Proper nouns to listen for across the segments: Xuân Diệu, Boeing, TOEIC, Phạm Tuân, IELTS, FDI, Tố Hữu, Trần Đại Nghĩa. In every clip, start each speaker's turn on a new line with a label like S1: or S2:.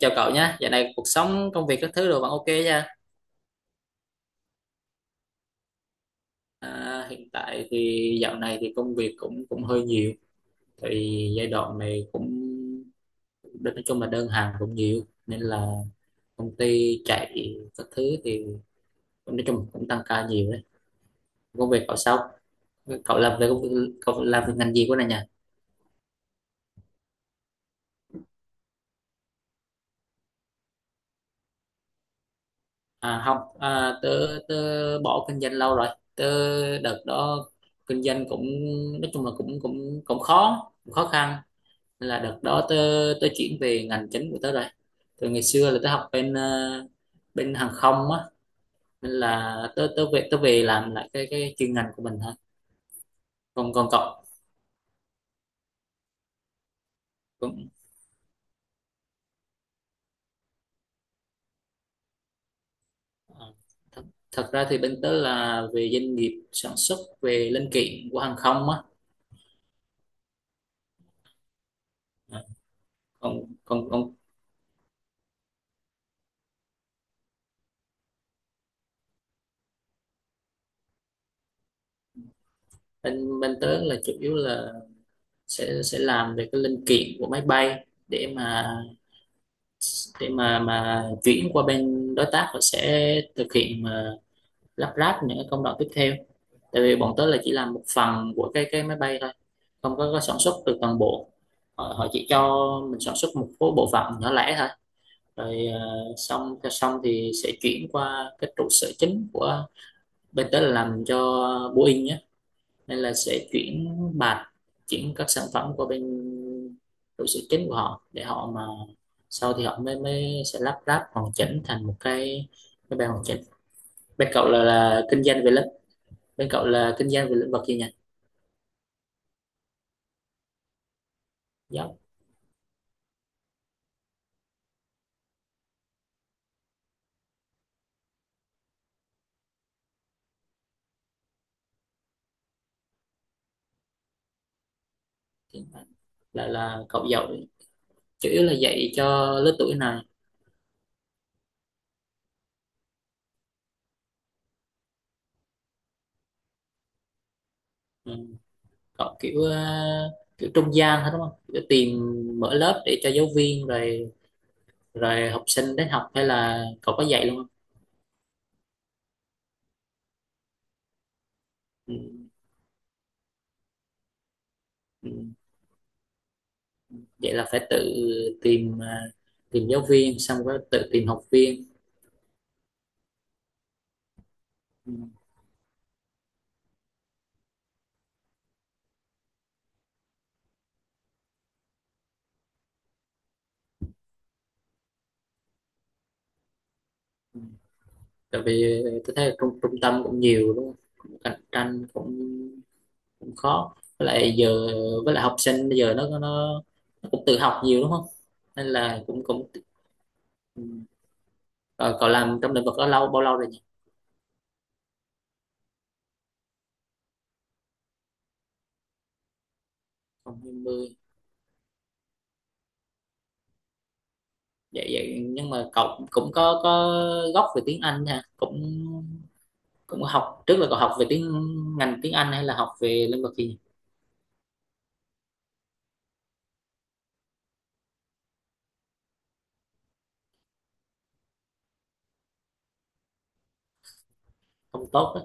S1: Chào cậu nhé, dạo này cuộc sống, công việc các thứ đều vẫn ok nha. À, hiện tại thì dạo này thì công việc cũng cũng hơi nhiều, thì giai đoạn này cũng nói chung là đơn hàng cũng nhiều, nên là công ty chạy các thứ thì cũng nói chung cũng tăng ca nhiều đấy. Công việc cậu sao? Cậu làm về công việc, cậu làm về ngành gì của này nhỉ? À không, à, tớ tớ bỏ kinh doanh lâu rồi. Tớ đợt đó kinh doanh cũng nói chung là cũng cũng cũng khó khăn nên là đợt đó tớ tớ chuyển về ngành chính của tớ rồi, từ ngày xưa là tớ học bên bên hàng không á, nên là tớ tớ về làm lại cái chuyên ngành của mình thôi. Còn còn cậu, cũng ờ, thật, thật ra thì bên tớ là về doanh nghiệp sản xuất về linh kiện của hàng không á. Ờ, còn còn còn bên bên tớ là chủ yếu là sẽ làm về cái linh kiện của máy bay để mà chuyển qua bên đối tác, họ sẽ thực hiện lắp ráp những cái công đoạn tiếp theo, tại vì bọn tớ là chỉ làm một phần của cái máy bay thôi, không có sản xuất từ toàn bộ. Họ chỉ cho mình sản xuất một số bộ phận nhỏ lẻ thôi, rồi xong cho xong thì sẽ chuyển qua cái trụ sở chính của bên tớ là làm cho Boeing nhé, nên là sẽ chuyển các sản phẩm qua bên trụ sở chính của họ, để họ mà sau thì họ mới mới sẽ lắp ráp hoàn chỉnh thành một cái bài hoàn chỉnh. bên cậu là, là kinh doanh về Bên cậu là kinh doanh về lĩnh vực gì nhỉ? Giáo thì Là cậu dạy chủ yếu là dạy cho lứa tuổi này? Ừ. Cậu kiểu kiểu trung gian hết đúng không, kiểu tìm mở lớp để cho giáo viên rồi rồi học sinh đến học, hay là cậu có dạy luôn không? Ừ. Ừ. Vậy là phải tự tìm tìm giáo viên xong rồi tự tìm học viên. Ừ. Ừ. Tại vì tôi thấy là trung trung tâm cũng nhiều đúng không, cũng cạnh tranh, cũng cũng khó, với lại giờ với lại học sinh bây giờ nó cũng tự học nhiều đúng không, nên là cũng cũng ừ. Ờ, cậu làm trong lĩnh vực đó lâu bao lâu rồi nhỉ? Còn 20. Vậy vậy nhưng mà cậu cũng cũng có gốc về tiếng Anh nha, cũng cũng học trước, là cậu học về ngành tiếng Anh hay là học về lĩnh vực gì? Không tốt đó.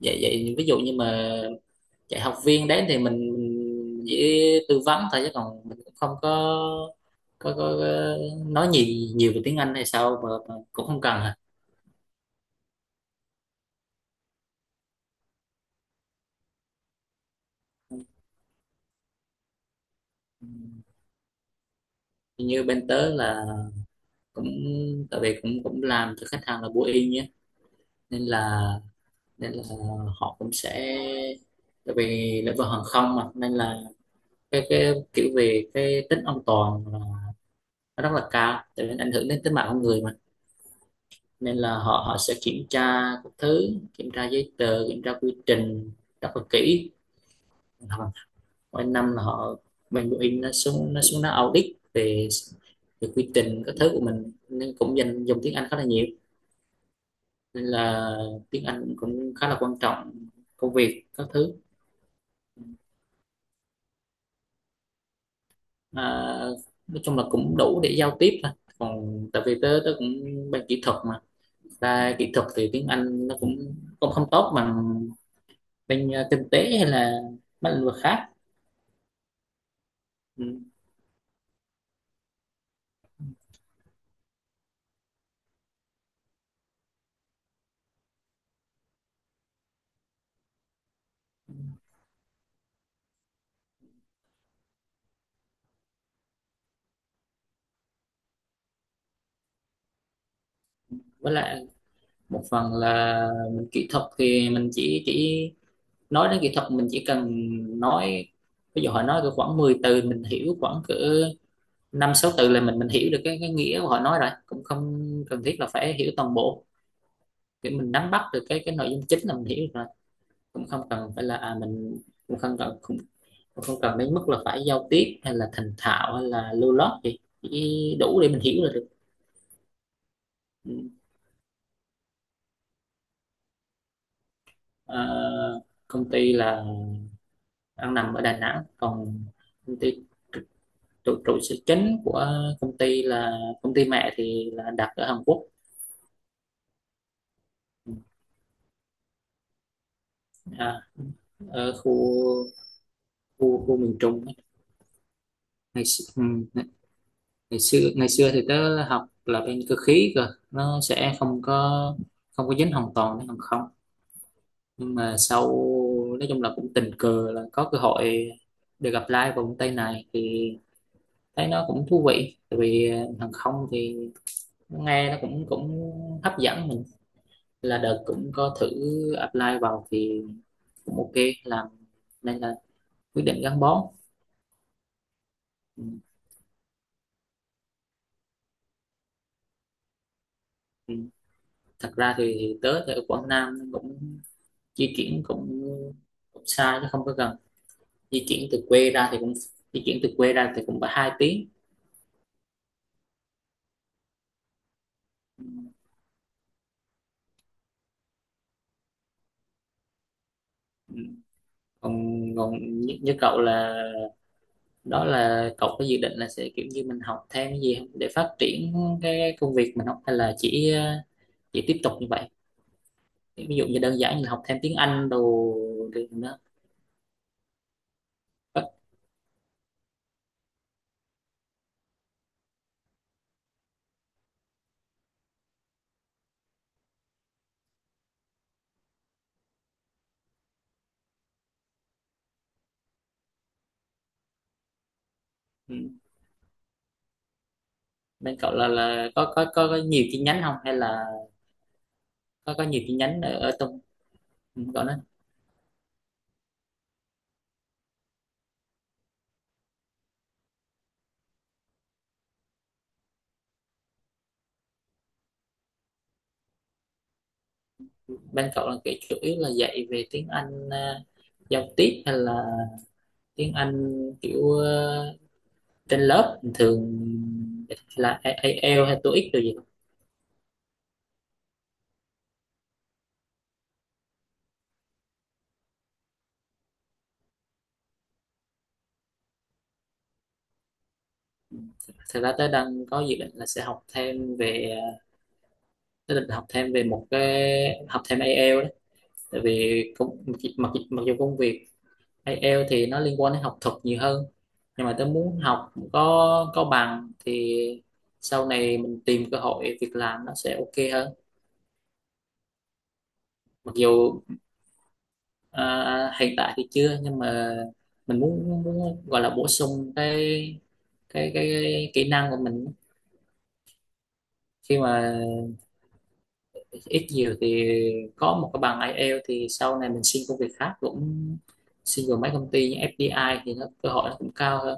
S1: Vậy vậy ví dụ như mà dạy học viên đấy thì mình chỉ tư vấn thôi, chứ còn mình cũng không có nói nhiều nhiều về tiếng Anh hay sao, mà cũng không cần hả? Ừ. Như bên tớ là cũng tại vì cũng cũng làm cho khách hàng là bố y nhé, nên là nên là họ cũng sẽ, tại vì lĩnh vực hàng không mà, nên là cái kiểu về cái tính an toàn là nó rất là cao, tại vì ảnh hưởng đến tính mạng con người mà, nên là họ họ sẽ kiểm tra các thứ, kiểm tra giấy tờ, kiểm tra quy trình rất là kỹ. Mỗi năm là họ bên Boeing nó xuống nó audit về về quy trình các thứ của mình, nên cũng dùng tiếng Anh khá là nhiều, nên là tiếng Anh cũng khá là quan trọng công việc các thứ. À, nói chung là cũng đủ để giao tiếp thôi, còn tại vì tớ tớ cũng bên kỹ thuật mà, ra kỹ thuật thì tiếng Anh nó cũng cũng không tốt bằng bên kinh tế hay là mấy lĩnh vực khác. Ừ. Với lại một phần là mình kỹ thuật thì mình chỉ nói đến kỹ thuật, mình chỉ cần nói, ví dụ họ nói cỡ khoảng 10 từ mình hiểu khoảng cỡ năm sáu từ là mình hiểu được cái nghĩa của họ nói rồi, cũng không cần thiết là phải hiểu toàn bộ, để mình nắm bắt được cái nội dung chính là mình hiểu được rồi. Cũng không cần phải là mình, cũng không cần cũng, cũng không cần đến mức là phải giao tiếp hay là thành thạo hay là lưu loát gì, chỉ đủ để mình hiểu là được. Ừ. Ờ, công ty là đang nằm ở Đà Nẵng, còn công ty trụ trụ sở chính của công ty là công ty mẹ thì là đặt ở Hàn Quốc. À, ở khu khu khu miền Trung. Ngày xưa, ngày, ngày xưa ngày xưa thì tớ học là bên cơ khí nó sẽ không có dính hoàn toàn đến hàng không, nhưng mà sau nói chung là cũng tình cờ là có cơ hội được apply vào công ty này, thì thấy nó cũng thú vị, tại vì hàng không thì nghe nó cũng cũng hấp dẫn, là đợt cũng có thử apply vào thì cũng ok làm, nên là quyết định gắn bó. Ừ. Ừ. Thật ra thì tớ ở Quảng Nam cũng di chuyển cũng xa chứ không có gần, di chuyển từ quê ra thì cũng di chuyển từ quê ra thì cũng phải 2 tiếng. Ừ. Ừ. còn còn như cậu là, đó là cậu có dự định là sẽ kiểu như mình học thêm cái gì không, để phát triển cái công việc mình học, hay là chỉ tiếp tục như vậy, ví dụ như đơn giản như học thêm tiếng Anh đồ được nữa, có, ừ, bên cậu là có nhiều chi nhánh không hay là có nhiều chi nhánh ở trong, ừ, cậu nói, bên cậu là kiểu chủ yếu là dạy về tiếng Anh giao tiếp hay là tiếng Anh kiểu trên lớp bình thường, hay là IELTS hay TOEIC rồi gì? Ừ. Thật ra tớ đang có dự định là sẽ học thêm về tớ định học thêm về một cái, học thêm IELTS đấy, tại vì mặc dù công việc IELTS thì nó liên quan đến học thuật nhiều hơn, nhưng mà tớ muốn học có bằng thì sau này mình tìm cơ hội việc làm nó sẽ ok hơn. Mặc dù À, hiện tại thì chưa, nhưng mà mình muốn gọi là bổ sung cái kỹ năng của mình, khi mà ít nhiều thì có một cái bằng IELTS thì sau này mình xin công việc khác cũng, xin vào mấy công ty như FDI thì nó cơ hội nó cũng cao hơn.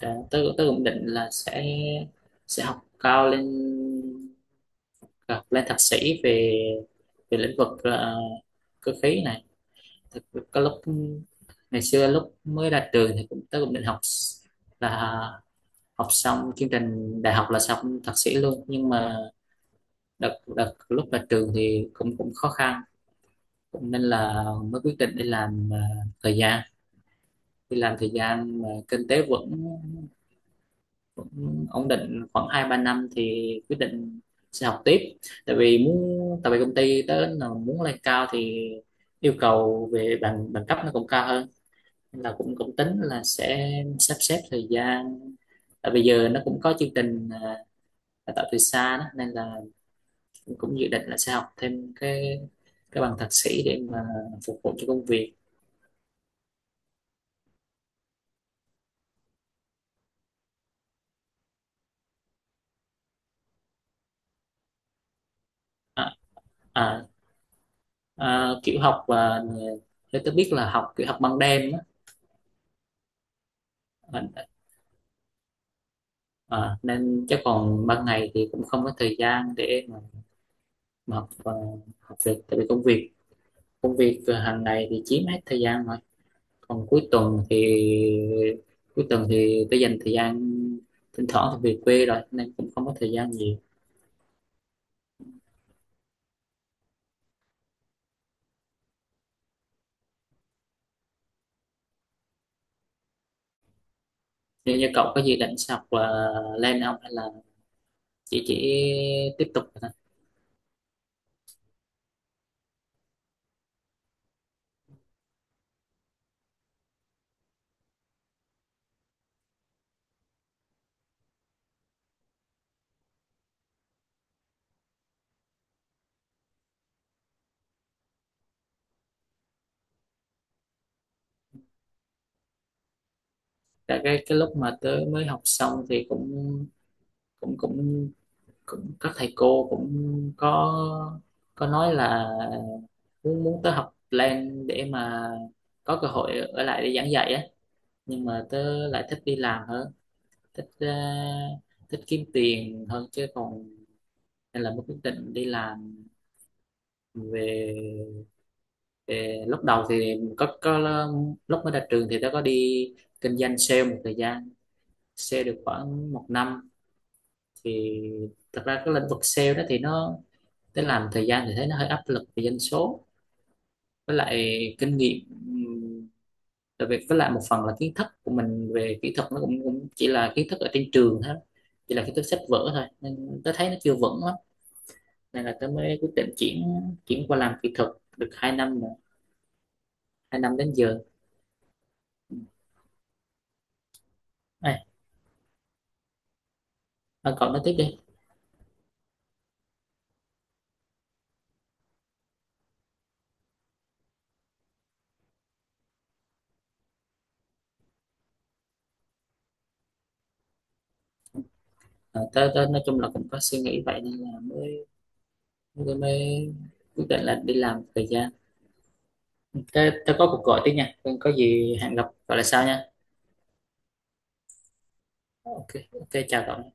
S1: Dạ, tôi cũng định là sẽ học lên thạc sĩ về về lĩnh vực cơ khí này. Thật- có lúc ngày xưa, lúc mới ra trường thì cũng tôi cũng định là học xong chương trình đại học là xong thạc sĩ luôn, nhưng mà đợt đợt lúc ra trường thì cũng cũng khó khăn cũng, nên là mới quyết định đi làm thời gian, đi làm thời gian mà kinh tế vững cũng ổn định khoảng 2, 3 năm thì quyết định sẽ học tiếp. Tại vì công ty tới là muốn lên cao thì yêu cầu về bằng bằng cấp nó cũng cao hơn, nên là cũng cũng tính là sẽ sắp xếp thời gian, tại bây giờ nó cũng có chương trình đào tạo từ xa đó, nên là cũng cũng dự định là sẽ học thêm cái bằng thạc sĩ để mà phục vụ cho công việc. À, à, à, kiểu học và theo tôi biết là học kiểu học ban đêm á. Ờ, nên chắc còn ban ngày thì cũng không có thời gian để mà học, học việc, tại vì công việc hàng ngày thì chiếm hết thời gian rồi, còn cuối tuần thì tôi dành thời gian, thỉnh thoảng thì về quê rồi nên cũng không có thời gian nhiều. Nếu như cậu có dự định sẽ học là lên không, hay là chỉ tiếp tục thôi? Tại cái lúc mà tớ mới học xong thì cũng cũng cũng cũng các thầy cô cũng có có nói là muốn muốn tớ học lên để mà có cơ hội ở lại để giảng dạy á, nhưng mà tớ lại thích đi làm hơn, thích ờ, thích kiếm tiền hơn chứ còn, nên là mới quyết định đi làm. Về, về lúc đầu thì mình có lúc mới ra trường thì tớ có đi kinh doanh sale một thời gian, sale được khoảng một năm thì, thật ra cái lĩnh vực sale đó thì nó, thế làm thời gian thì thấy nó hơi áp lực về dân số, với lại kinh nghiệm, ừm, tại vì với lại một phần là kiến thức của mình về kỹ thuật nó cũng chỉ là kiến thức ở trên trường thôi, chỉ là kiến thức sách vở thôi nên tôi thấy nó chưa vững lắm, nên là tôi mới quyết định chuyển, qua làm kỹ thuật được 2 năm rồi, 2 năm đến giờ này. À, cậu nói tiếp đi. À, tôi nói chung là cũng có suy nghĩ vậy, nên là mới mới, mới quyết định là đi làm thời gian. Tôi có cuộc gọi tiếp nha, có gì hẹn gặp gọi là sau nha. Ok. Ok, chào cậu.